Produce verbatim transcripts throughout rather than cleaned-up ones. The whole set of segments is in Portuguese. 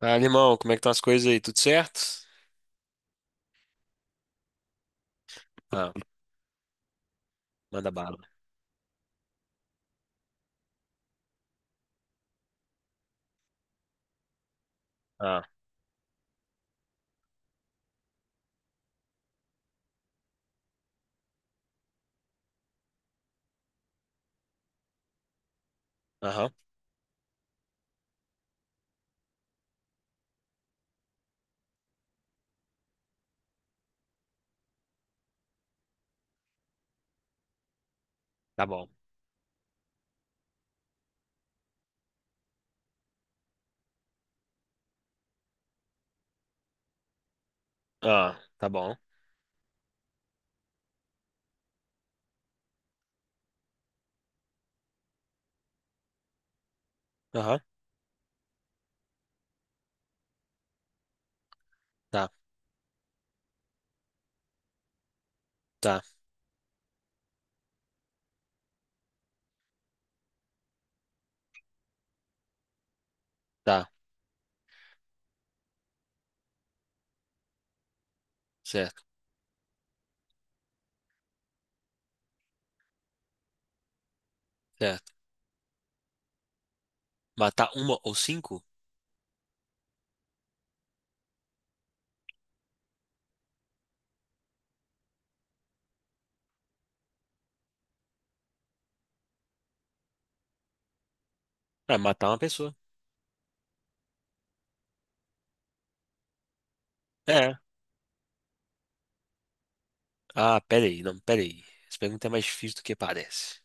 Ah, animal, como é que estão as coisas aí? Tudo certo? Ah, manda bala. Ah, aham, tá bom. Ah, tá bom. Aham, tá, tá, tá. Certo, certo. Matar uma ou cinco? Ah, matar uma pessoa. É. Ah, peraí, não, peraí. Essa pergunta é mais difícil do que parece.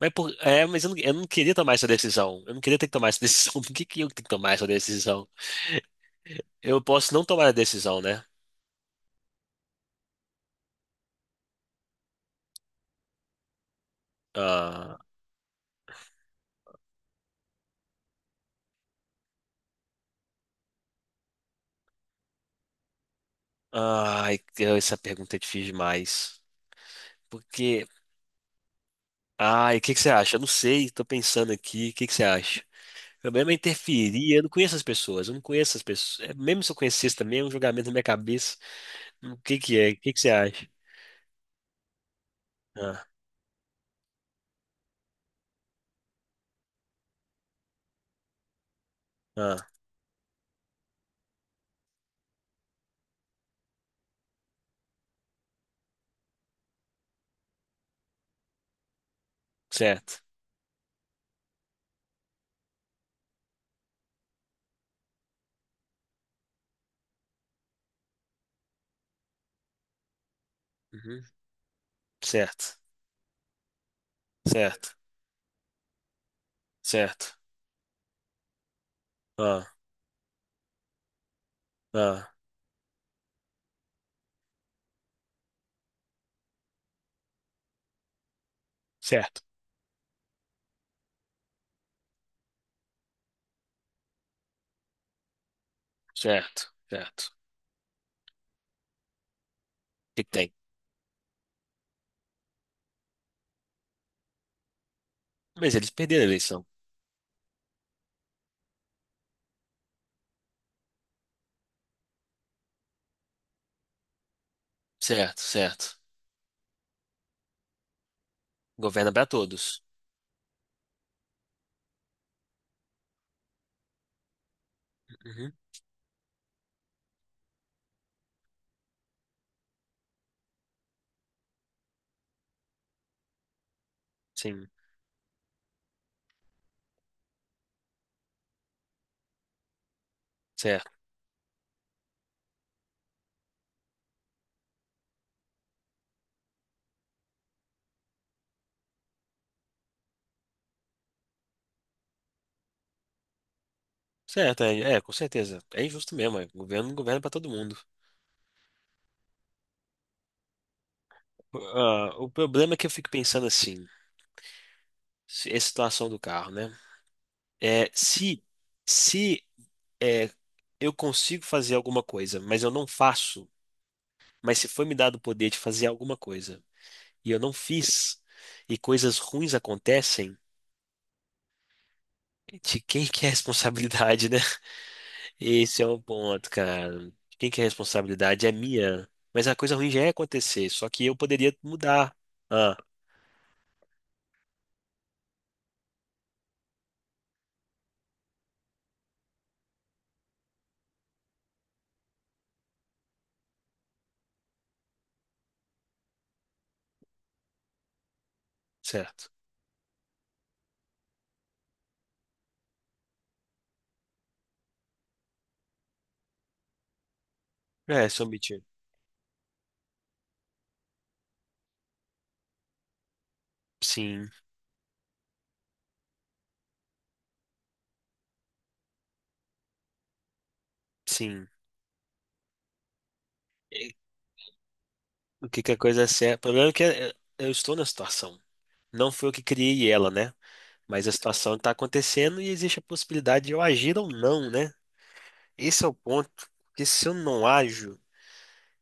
Mas, por, é, mas eu não, eu não queria tomar essa decisão. Eu não queria ter que tomar essa decisão. Por que que eu tenho que tomar essa decisão? Eu posso não tomar a decisão, né? Ah, ai, essa pergunta é difícil demais. Porque. Ah, e o que que você acha? Eu não sei, tô pensando aqui, o que que você acha? Eu mesmo interferia, eu não conheço as pessoas, eu não conheço as pessoas. É, mesmo se eu conhecesse também, é um julgamento na minha cabeça. Hum, O que que é? O que que você acha? Ah, ah, certo. Uhum, certo, certo, certo. Ah, ah, certo, certo, certo. O que que tem? Mas eles perderam a eleição. Certo, certo. Governa para todos. Uhum, sim, certo. Certo, é, é, com certeza. É injusto mesmo, é. Governo governa para todo mundo. Ah, o problema é que eu fico pensando assim, se- é a situação do carro, né? É, se se é, eu consigo fazer alguma coisa, mas eu não faço, mas se foi me dado o poder de fazer alguma coisa e eu não fiz, e coisas ruins acontecem, de quem que é a responsabilidade, né? Esse é o ponto, cara. De quem que é a responsabilidade? É minha. Mas a coisa ruim já ia acontecer, só que eu poderia mudar. Ah, certo. É, se eu omitir. Sim, sim. O que que a coisa é certa? O problema é que eh, eu estou na situação. Não fui eu que criei ela, né? Mas a situação está acontecendo e existe a possibilidade de eu agir ou não, né? Esse é o ponto. Porque se eu não ajo,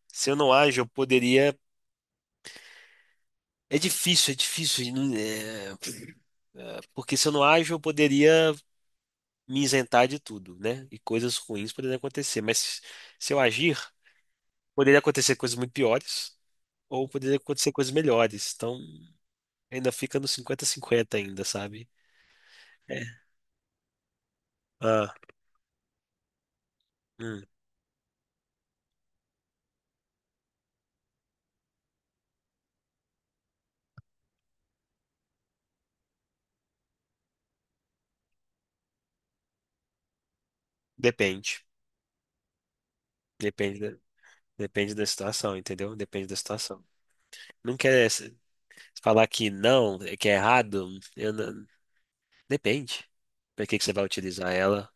se eu não ajo, eu poderia. É difícil, é difícil. não- é, Porque se eu não ajo, eu poderia me isentar de tudo, né? E coisas ruins poderiam acontecer. Mas se eu agir, poderia acontecer coisas muito piores ou poderia acontecer coisas melhores. Então ainda fica no cinquenta cinquenta ainda, sabe? É. Ah. Hum, depende. Depende da, depende da situação, entendeu? Depende da situação. Não quer se- falar que não, que é errado. Eu não- depende. Pra que que você vai utilizar ela?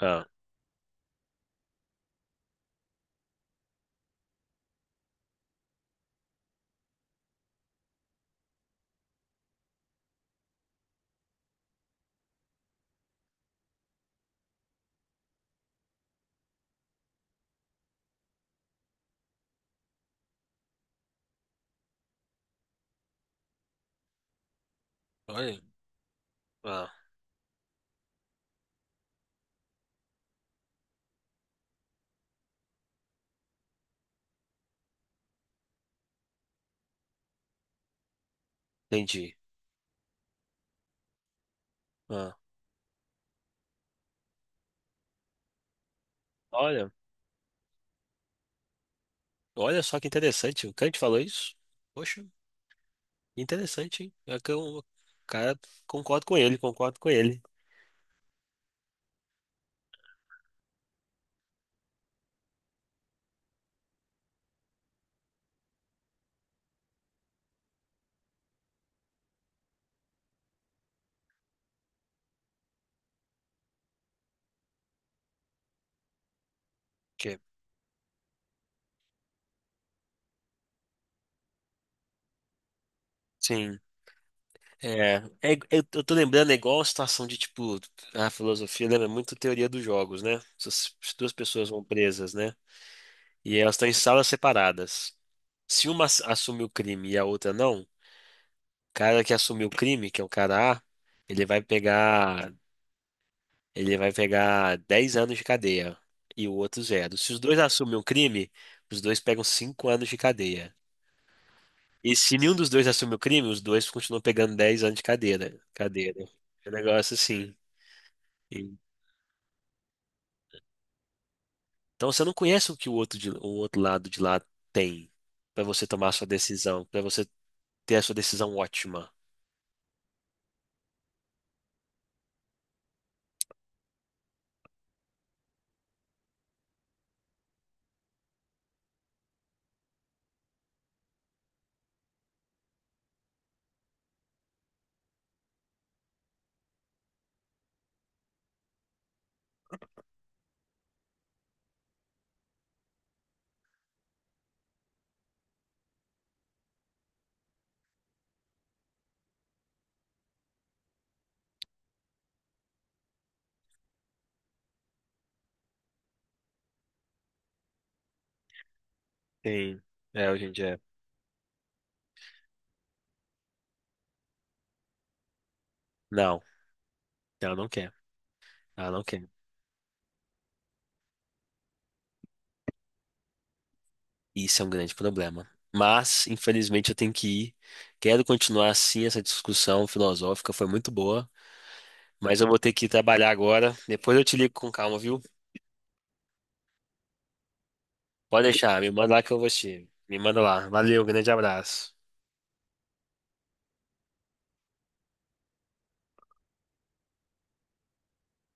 Ah, olha. Ah, entendi. Ah, olha. Olha só que interessante. O Kant falou isso? Poxa, interessante, hein? É que eu, cara, concordo com ele, concordo com ele. Que- Sim. É, é ig- eu, eu tô lembrando, é igual a situação de, tipo, a filosofia lembra muito teoria dos jogos, né? Se as duas pessoas vão presas, né? E elas estão em salas separadas. Se uma ass- assume o crime e a outra não, o cara que assumiu o crime, que é o cara A, ele vai pegar, ele vai pegar dez anos de cadeia e o outro zero. Se os dois assumem o crime, os dois pegam cinco anos de cadeia. E se nenhum dos dois assume o crime, os dois continuam pegando dez anos de cadeira. Cadeira. É um negócio assim. Então você não conhece o que o outro, de- o outro lado de lá tem para você tomar a sua decisão, para você ter a sua decisão ótima. Sim, é, hoje em dia. Não, ela não quer. Ela não quer. Isso é um grande problema. Mas, infelizmente, eu tenho que ir. Quero continuar assim essa discussão filosófica, foi muito boa. Mas eu vou ter que ir trabalhar agora. Depois eu te ligo com calma, viu? Pode deixar, me manda lá que eu vou assistir. Me manda lá. Valeu, grande abraço.